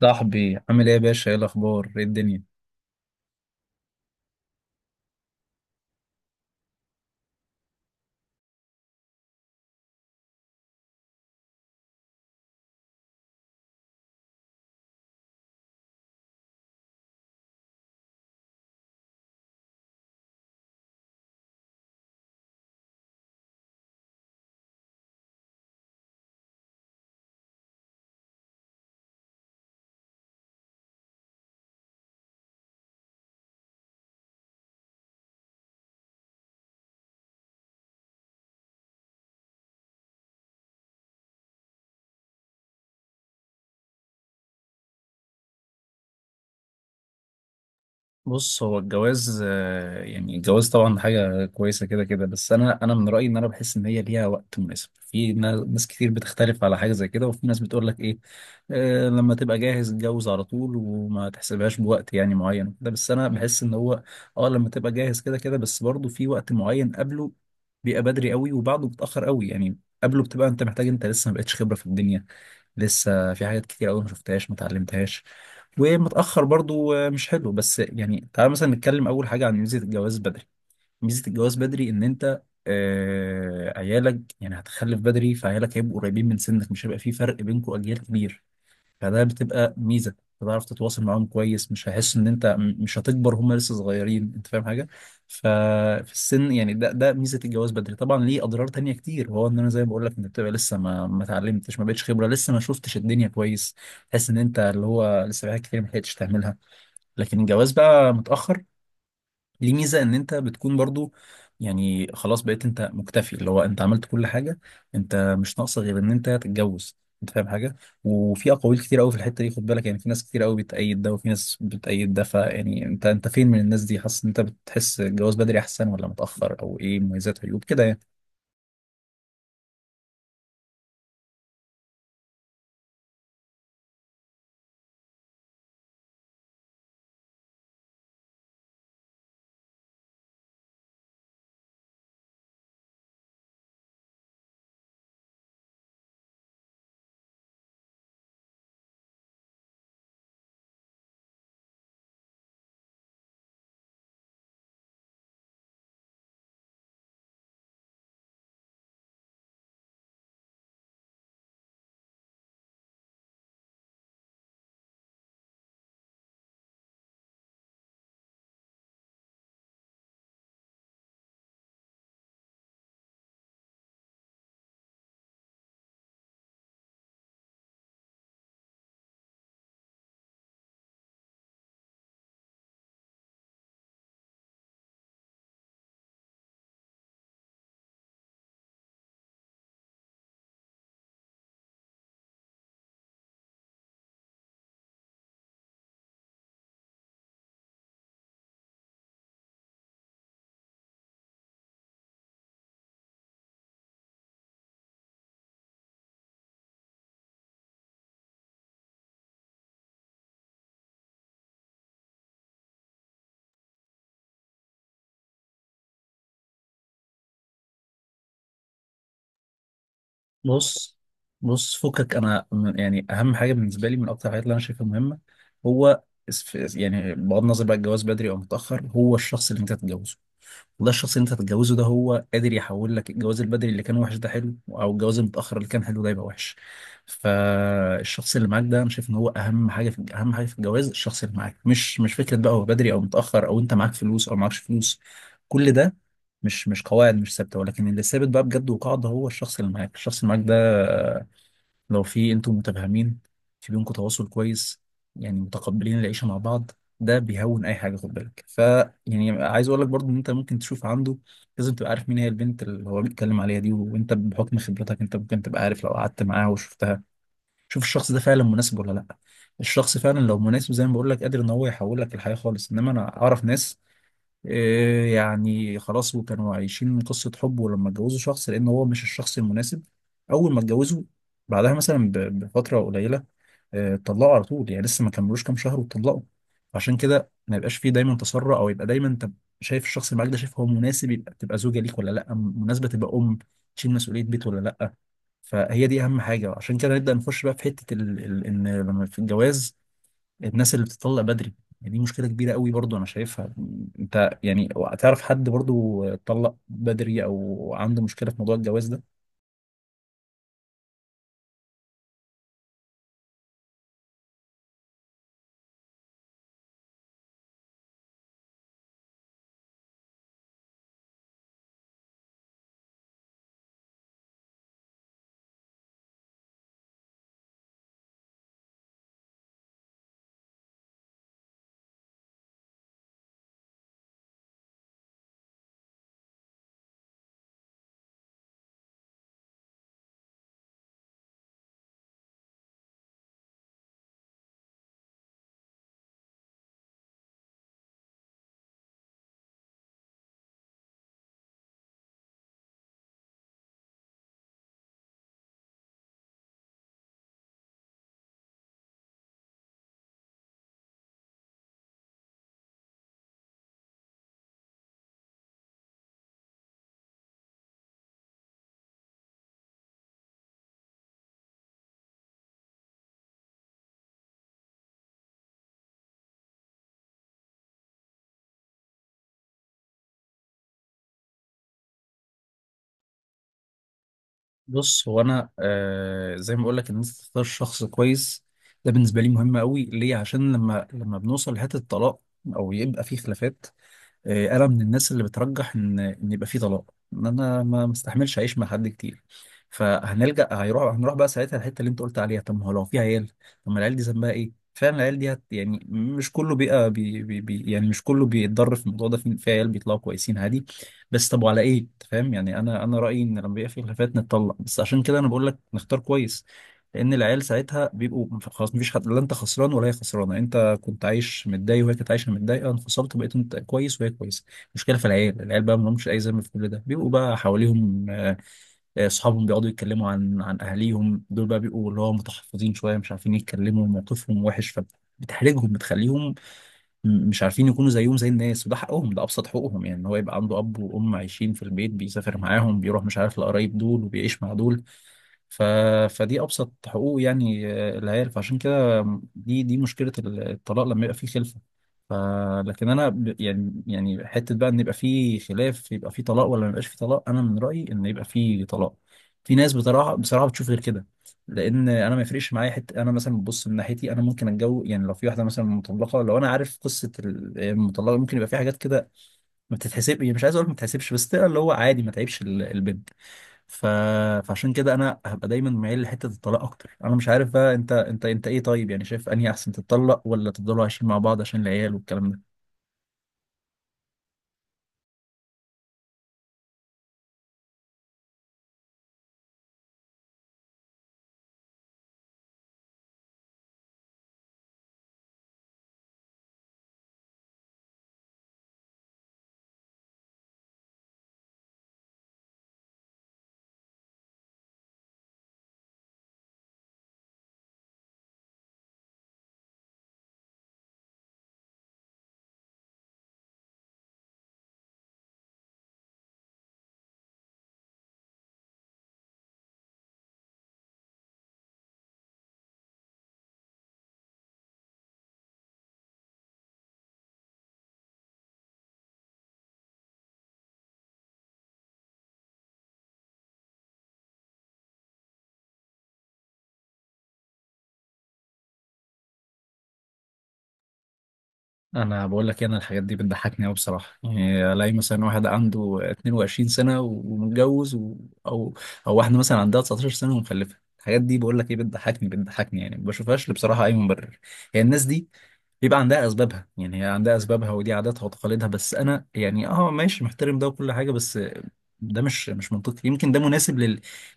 صاحبي عامل ايه يا باشا؟ ايه الاخبار؟ ايه الدنيا؟ بص، هو الجواز يعني الجواز طبعا حاجه كويسه كده كده، بس انا من رايي ان انا بحس ان هي ليها وقت مناسب. في ناس كتير بتختلف على حاجه زي كده، وفي ناس بتقول لك ايه، آه، لما تبقى جاهز اتجوز على طول وما تحسبهاش بوقت يعني معين ده. بس انا بحس ان هو اه لما تبقى جاهز كده كده، بس برضه في وقت معين قبله بيبقى بدري قوي وبعده بتاخر قوي يعني. قبله بتبقى انت محتاج، انت لسه ما بقتش خبره في الدنيا، لسه في حاجات كتير قوي ما شفتهاش ما اتعلمتهاش. ومتاخر برضو، آه، مش حلو. بس يعني تعال مثلا نتكلم اول حاجه عن ميزه الجواز بدري. ميزه الجواز بدري ان انت آه عيالك يعني هتخلف بدري، فعيالك هيبقوا قريبين من سنك، مش هيبقى في فرق بينكم اجيال كبير، فده بتبقى ميزه. بتعرف تتواصل معاهم كويس، مش هيحس ان انت مش هتكبر، هم لسه صغيرين، انت فاهم حاجه؟ ففي السن يعني ده ميزه الجواز بدري. طبعا ليه اضرار تانية كتير، وهو ان انا زي ما بقول لك انت بتبقى لسه ما اتعلمتش، ما بقتش خبره، لسه ما شفتش الدنيا كويس. تحس ان انت اللي هو لسه في حاجات كتير ما لحقتش تعملها. لكن الجواز بقى متاخر ليه ميزة ان انت بتكون برضو يعني خلاص بقيت انت مكتفي، اللي هو انت عملت كل حاجة، انت مش ناقصة غير ان انت تتجوز، انت فاهم حاجة؟ وفي اقاويل كتير قوي في الحتة دي، خد بالك، يعني في ناس كتير قوي بتأيد ده وفي ناس بتأيد ده، فيعني انت فين من الناس دي؟ حاسس ان انت بتحس الجواز بدري احسن ولا متأخر؟ او ايه مميزات عيوب كده يعني. بص، فكك، انا يعني اهم حاجه بالنسبه لي من اكتر الحاجات اللي انا شايفها مهمه هو يعني بغض النظر بقى الجواز بدري او متاخر، هو الشخص اللي انت تتجوزه. وده الشخص اللي انت هتتجوزه ده هو قادر يحول لك الجواز البدري اللي كان وحش ده حلو، او الجواز المتاخر اللي كان حلو ده يبقى وحش. فالشخص اللي معاك ده انا شايف ان هو اهم حاجه في اهم حاجه في الجواز. الشخص اللي معاك مش فكره بقى هو بدري او متاخر، او انت معاك فلوس او معكش فلوس، كل ده مش قواعد مش ثابته، ولكن اللي ثابت بقى بجد وقاعده هو الشخص اللي معاك. الشخص اللي معاك ده لو في انتم متفاهمين، في بينكم تواصل كويس، يعني متقبلين العيشه مع بعض، ده بيهون اي حاجه، خد بالك. ف يعني عايز اقول لك برضو ان انت ممكن تشوف عنده. لازم تبقى عارف مين هي البنت اللي هو بيتكلم عليها دي، وانت بحكم خبرتك انت ممكن تبقى عارف لو قعدت معاها وشفتها. شوف الشخص ده فعلا مناسب ولا لا. الشخص فعلا لو مناسب زي ما بقول لك قادر ان هو يحول لك الحياه خالص. انما انا اعرف ناس إيه يعني خلاص، وكانوا عايشين من قصة حب، ولما اتجوزوا شخص لأن هو مش الشخص المناسب، أول ما اتجوزوا بعدها مثلا بفترة قليلة، آه، اتطلقوا على طول، يعني لسه ما كملوش كام شهر واتطلقوا. عشان كده ما يبقاش فيه دايما تسرع، أو يبقى دايما أنت شايف الشخص اللي معاك ده، شايف هو مناسب يبقى تبقى زوجة ليك ولا لأ، مناسبة تبقى أم تشيل مسؤولية بيت ولا لأ. فهي دي أهم حاجة. عشان كده نبدأ نخش بقى في حتة إن لما في الجواز الناس اللي بتطلق بدري يعني، دي مشكلة كبيرة قوي برضو أنا شايفها. أنت يعني تعرف حد برضو اتطلق بدري أو عنده مشكلة في موضوع الجواز ده؟ بص، هو أنا آه زي ما بقول لك إن أنت تختار شخص كويس ده بالنسبة لي مهم قوي. ليه؟ عشان لما بنوصل لحتة الطلاق أو يبقى في خلافات، آه، انا من الناس اللي بترجح ان ان يبقى في طلاق، ان انا ما مستحملش اعيش مع حد كتير. فهنلجأ هيروح هنروح بقى ساعتها الحته اللي انت قلت عليها، طب ما هو لو في عيال، طب ما العيال دي ذنبها ايه؟ فعلا العيال دي هت يعني مش كله بيبقى بي يعني مش كله بيتضر في الموضوع ده، في في عيال بيطلعوا كويسين عادي. بس طب وعلى ايه انت فاهم يعني، انا رأيي ان لما بيبقى في خلافات نتطلق، بس عشان كده انا بقول لك نختار كويس، لان العيال ساعتها بيبقوا خلاص مفيش حد، لا انت خسران ولا هي خسرانه، انت كنت عايش متضايق وهي كانت عايشه متضايقه، انفصلت بقيت انت كويس وهي كويسه. المشكله في العيال، العيال بقى ما لهمش اي ذنب في كل ده، بيبقوا بقى حواليهم آه، اصحابهم بيقعدوا يتكلموا عن اهاليهم دول، بقى بيبقوا اللي هو متحفظين شويه، مش عارفين يتكلموا، موقفهم وحش، فبتحرجهم، بتخليهم مش عارفين يكونوا زيهم زي الناس. وده حقهم، ده ابسط حقوقهم يعني، ان هو يبقى عنده اب وام عايشين في البيت، بيسافر معاهم، بيروح مش عارف لقرايب دول، وبيعيش مع دول. ف... فدي ابسط حقوق يعني، آه، العيال. فعشان كده دي مشكله الطلاق لما يبقى فيه خلفه. ف... لكن انا يعني حته بقى ان يبقى فيه خلاف يبقى فيه طلاق ولا ما يبقاش فيه طلاق، انا من رايي ان يبقى فيه طلاق. في ناس بصراحه بتشوف غير كده. لان انا ما يفرقش معايا حته انا مثلا ببص من ناحيتي، انا ممكن اتجوز يعني لو في واحده مثلا مطلقه. لو انا عارف قصه المطلقه ممكن يبقى في حاجات كده ما بتتحسب، مش عايز اقول ما بتتحسبش بس تقرا اللي هو عادي، ما تعيبش البنت. ف... فعشان كده انا هبقى دايما مايل لحته الطلاق اكتر. انا مش عارف بقى انت، انت ايه؟ طيب يعني شايف انهي احسن، تتطلق ولا تفضلوا عايشين مع بعض عشان العيال والكلام ده؟ انا بقول لك إيه، انا الحاجات دي بتضحكني قوي بصراحه. يعني الاقي مثلا واحد عنده 22 سنه ومتجوز او او واحده مثلا عندها 19 سنه ومخلفه، الحاجات دي بقول لك ايه، بتضحكني يعني، ما بشوفهاش بصراحه اي مبرر. هي الناس دي بيبقى عندها اسبابها، يعني هي عندها اسبابها ودي عاداتها وتقاليدها. بس انا يعني اه ماشي، محترم ده وكل حاجه، بس ده مش منطقي. يمكن ده مناسب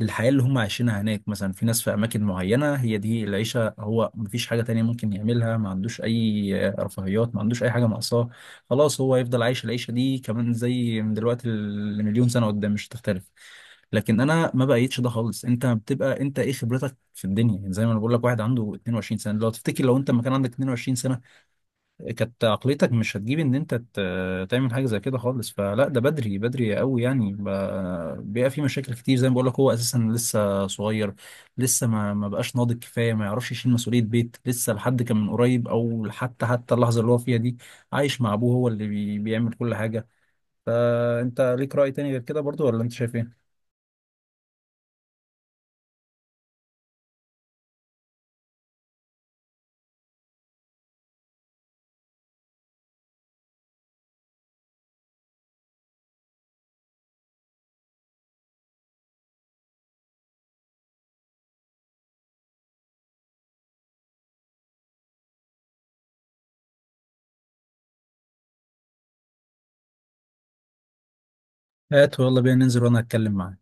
للحياة اللي هم عايشينها هناك، مثلا في ناس في أماكن معينة هي دي العيشة، هو مفيش حاجة تانية ممكن يعملها، ما عندوش أي رفاهيات، ما عندوش أي حاجة ناقصاه، خلاص هو يفضل عايش العيشة دي كمان زي من دلوقتي لمليون سنة قدام مش هتختلف. لكن انا ما بقيتش ده خالص. انت بتبقى انت ايه خبرتك في الدنيا؟ يعني زي ما انا بقول لك واحد عنده 22 سنه، لو تفتكر لو انت ما كان عندك 22 سنه كانت عقليتك مش هتجيب ان انت تعمل حاجه زي كده خالص. فلا ده بدري، بدري قوي يعني. بيبقى في مشاكل كتير زي ما بقول لك، هو اساسا لسه صغير، لسه ما بقاش ناضج كفايه، ما يعرفش يشيل مسؤوليه بيت، لسه لحد كان من قريب او حتى اللحظه اللي هو فيها دي عايش مع ابوه، هو اللي بيعمل كل حاجه. فانت ليك راي تاني غير كده برضو ولا انت شايف ايه؟ هات ويلا بينا ننزل وانا هتكلم معاه.